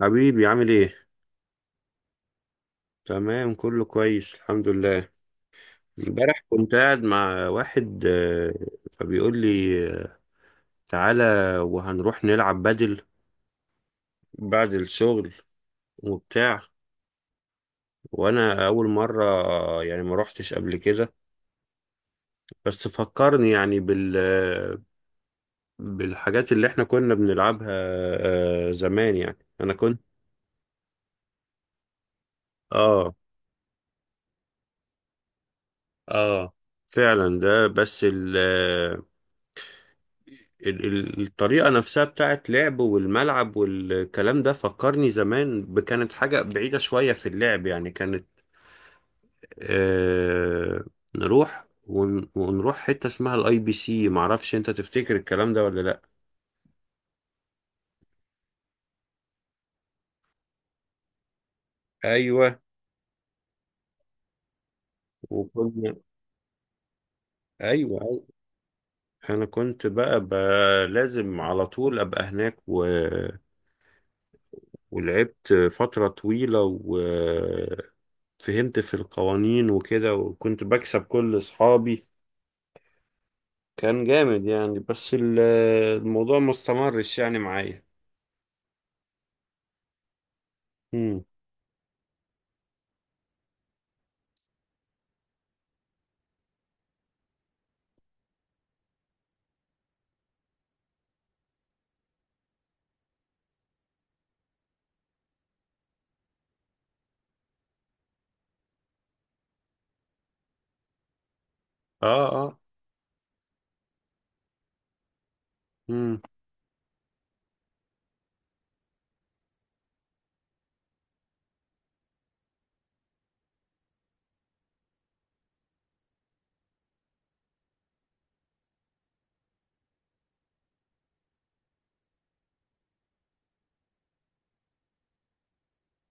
حبيبي عامل ايه؟ تمام، كله كويس الحمد لله. امبارح كنت قاعد مع واحد، فبيقول لي، آه، تعالى وهنروح نلعب بدل بعد الشغل وبتاع. وانا اول مرة يعني ما روحتش قبل كده، بس فكرني يعني بالحاجات اللي احنا كنا بنلعبها زمان، يعني انا كنت. اه، اه، فعلا ده. بس الطريقة نفسها بتاعت لعب والملعب والكلام ده فكرني زمان. كانت حاجة بعيدة شوية في اللعب، يعني كانت. آه ونروح حتة اسمها الاي بي سي. معرفش انت تفتكر الكلام ده ولا لا؟ ايوه، وكنا، ايوه، ايوه. انا كنت بقى لازم على طول ابقى هناك ولعبت فترة طويلة، وفهمت في القوانين وكده، وكنت بكسب كل اصحابي. كان جامد يعني، بس الموضوع ما استمرش يعني معايا. امم. اه، اه. امم.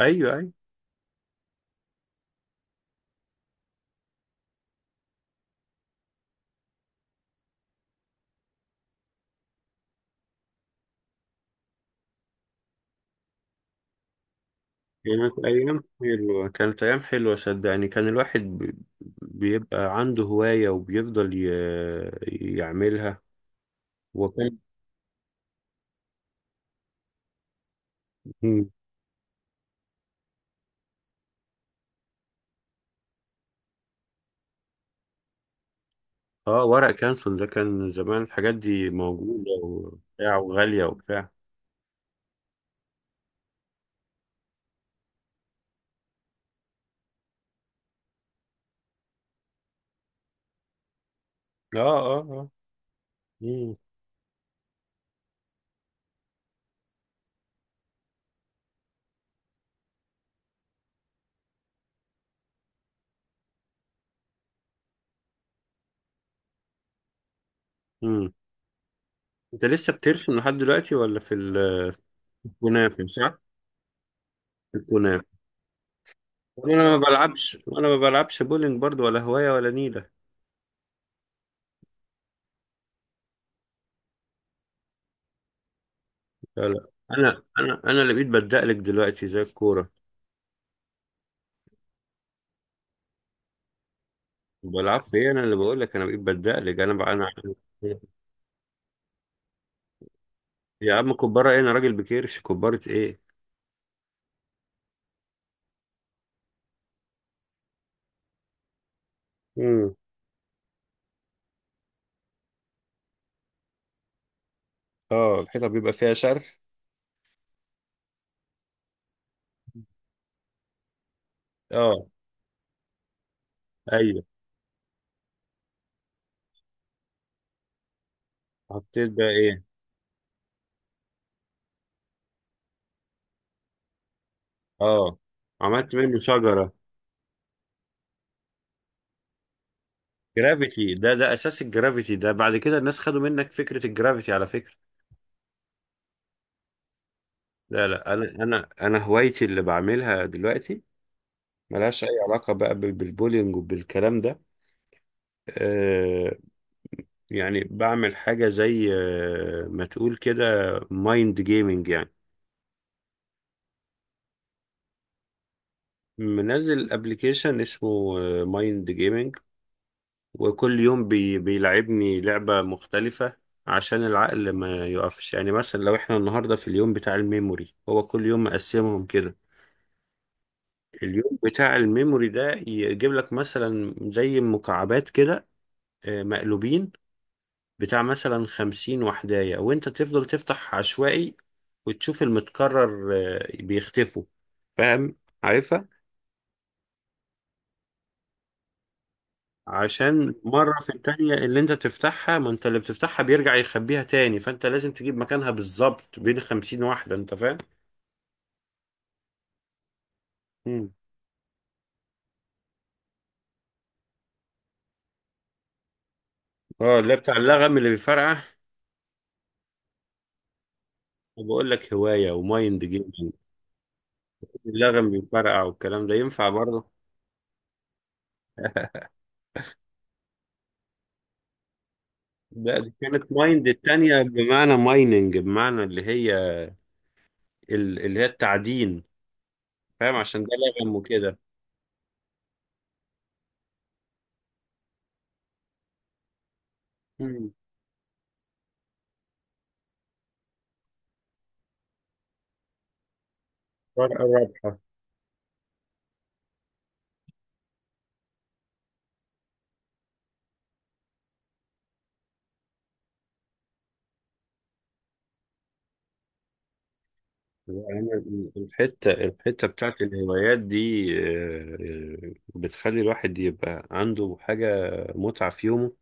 ايوه، ايوه. كانت ايام حلوه، كانت ايام حلوه، صدقني. كان الواحد بيبقى عنده هوايه وبيفضل يعملها وكان. مم. اه، ورق كانسون ده كان زمان، الحاجات دي موجوده وبتاع وغاليه وبتاع. اه، اه، اه. امم. امم. انت لسه بترسم لحد دلوقتي ولا في الكنافه، صح؟ الكنافه. وانا ما بلعبش بولينج برضو، ولا هواية ولا نيلة. لا، لا، انا اللي بقيت بدقلك دلوقتي زي الكورة. بلعب في ايه؟ انا اللي بقول لك انا بقيت بدقلك، انا بقى انا. يا عم، كبارة ايه؟ انا راجل بكيرش، كبارة ايه؟ امم. اه، الحيطة بيبقى فيها شرخ. اه، ايوه. حطيت بقى ايه؟ اه، عملت منه شجرة. جرافيتي ده اساس الجرافيتي ده، بعد كده الناس خدوا منك فكرة الجرافيتي، على فكرة. لا، لا، انا هوايتي اللي بعملها دلوقتي ملهاش أي علاقة بقى بالبولينج وبالكلام ده. آه، يعني بعمل حاجة زي، ما تقول كده، مايند جيمنج يعني. منزل ابلكيشن اسمه مايند جيمنج، وكل يوم بيلعبني لعبة مختلفة عشان العقل ما يقفش. يعني مثلا لو احنا النهاردة في اليوم بتاع الميموري، هو كل يوم مقسمهم كده، اليوم بتاع الميموري ده يجيب لك مثلا زي مكعبات كده مقلوبين، بتاع مثلا 51، وانت تفضل تفتح عشوائي وتشوف المتكرر بيختفوا، فاهم؟ عارفها، عشان مرة في التانية اللي انت تفتحها، ما انت اللي بتفتحها بيرجع يخبيها تاني، فانت لازم تجيب مكانها بالظبط بين 51، انت فاهم. مم. اه، اللي بتاع اللغم اللي بيفرقع، وبقول لك هواية ومايند جيم. اللغم بيفرقع والكلام ده ينفع برضه. ده، دي كانت مايند التانية، بمعنى مايننج، بمعنى اللي هي اللي هي التعدين، فاهم؟ عشان ده لغم وكده. مم. فرق الرابحة. يعني الحتة بتاعت الهوايات دي، بتخلي الواحد يبقى عنده حاجة، متعة في يومه،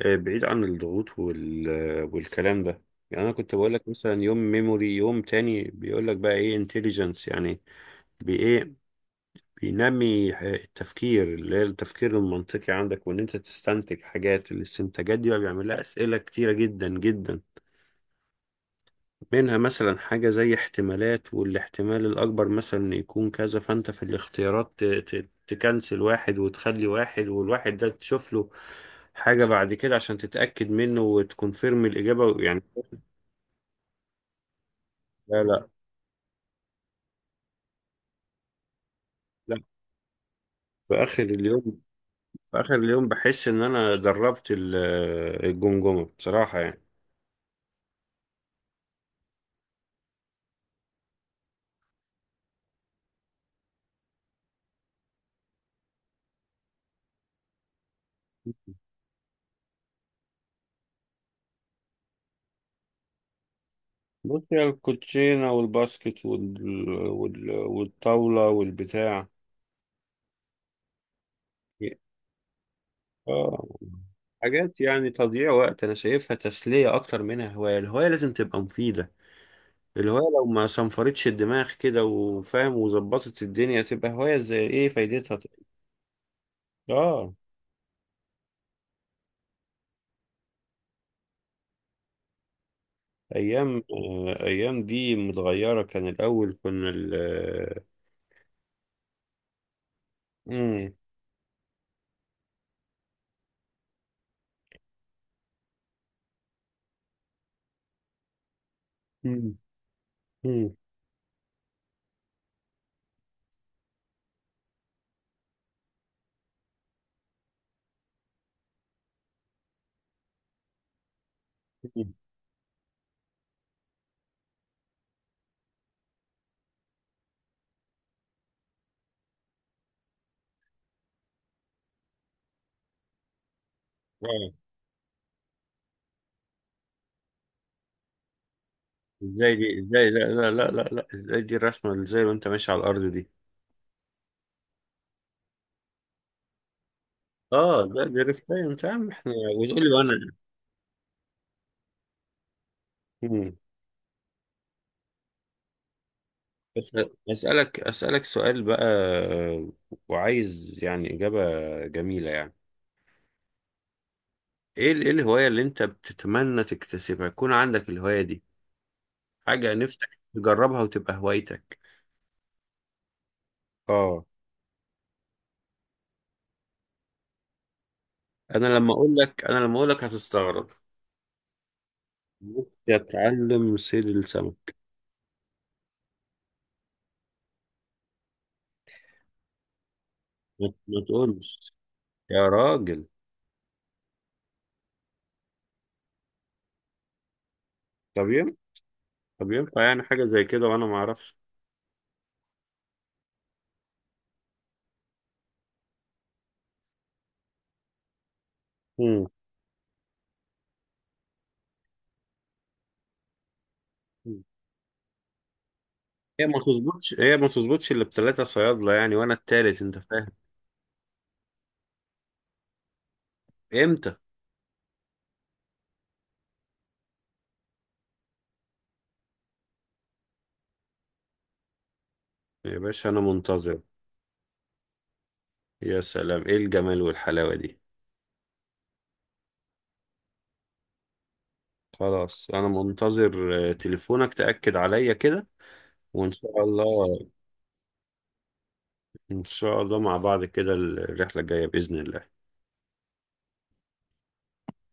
بعيد عن الضغوط والكلام ده. يعني أنا كنت بقول لك مثلا يوم ميموري، يوم تاني بيقول لك بقى إيه؟ انتليجنس يعني، بإيه؟ بينمي التفكير، اللي هي التفكير المنطقي عندك، وإن أنت تستنتج حاجات. الاستنتاجات دي بقى بيعمل لها أسئلة كتيرة جدا جدا، منها مثلا حاجة زي احتمالات، والاحتمال الأكبر مثلا إن يكون كذا، فأنت في الاختيارات تكنسل واحد وتخلي واحد، والواحد ده تشوف له حاجة بعد كده عشان تتأكد منه وتكونفيرم الإجابة يعني. لا، لا، لا، في آخر اليوم في آخر اليوم بحس إن أنا دربت الجمجمة، بصراحة يعني. بص يا، الكوتشينة والباسكت والطاولة والبتاع آه، حاجات يعني تضييع وقت، انا شايفها تسلية اكتر منها هواية. الهواية لازم تبقى مفيدة، الهواية لو ما صنفرتش الدماغ كده وفاهم وظبطت الدنيا، تبقى هواية زي ايه؟ فايدتها طيب؟ اه، ايام ايام دي متغيرة، كان الاول كنا ال آه، مم، مم، مم، مم. آه، ازاي دي؟ ازاي؟ لا، لا، لا، لا، لا، ازاي دي الرسمة؟ ازاي وانت ماشي على الارض دي؟ اه، ده ريفتايم، فاهم احنا، وتقول لي وانا. مم. بس أسألك سؤال بقى، وعايز يعني إجابة جميلة يعني. إيه الهواية اللي أنت بتتمنى تكتسبها، يكون عندك الهواية دي، حاجة نفسك تجربها وتبقى هوايتك؟ آه أنا لما أقول لك هتستغرب. نفسي أتعلم صيد السمك. ما تقولش، يا راجل. طب ينفع طب ينفع يعني حاجة زي كده وأنا ما أعرفش؟ مم. هي ما تظبطش إلا بتلاتة صيادلة يعني، وأنا التالت، أنت فاهم. إمتى؟ يا باشا، أنا منتظر. يا سلام، إيه الجمال والحلاوة دي! خلاص، أنا منتظر تليفونك تأكد عليا كده، وإن شاء الله. إن شاء الله مع بعض كده الرحلة الجاية بإذن الله.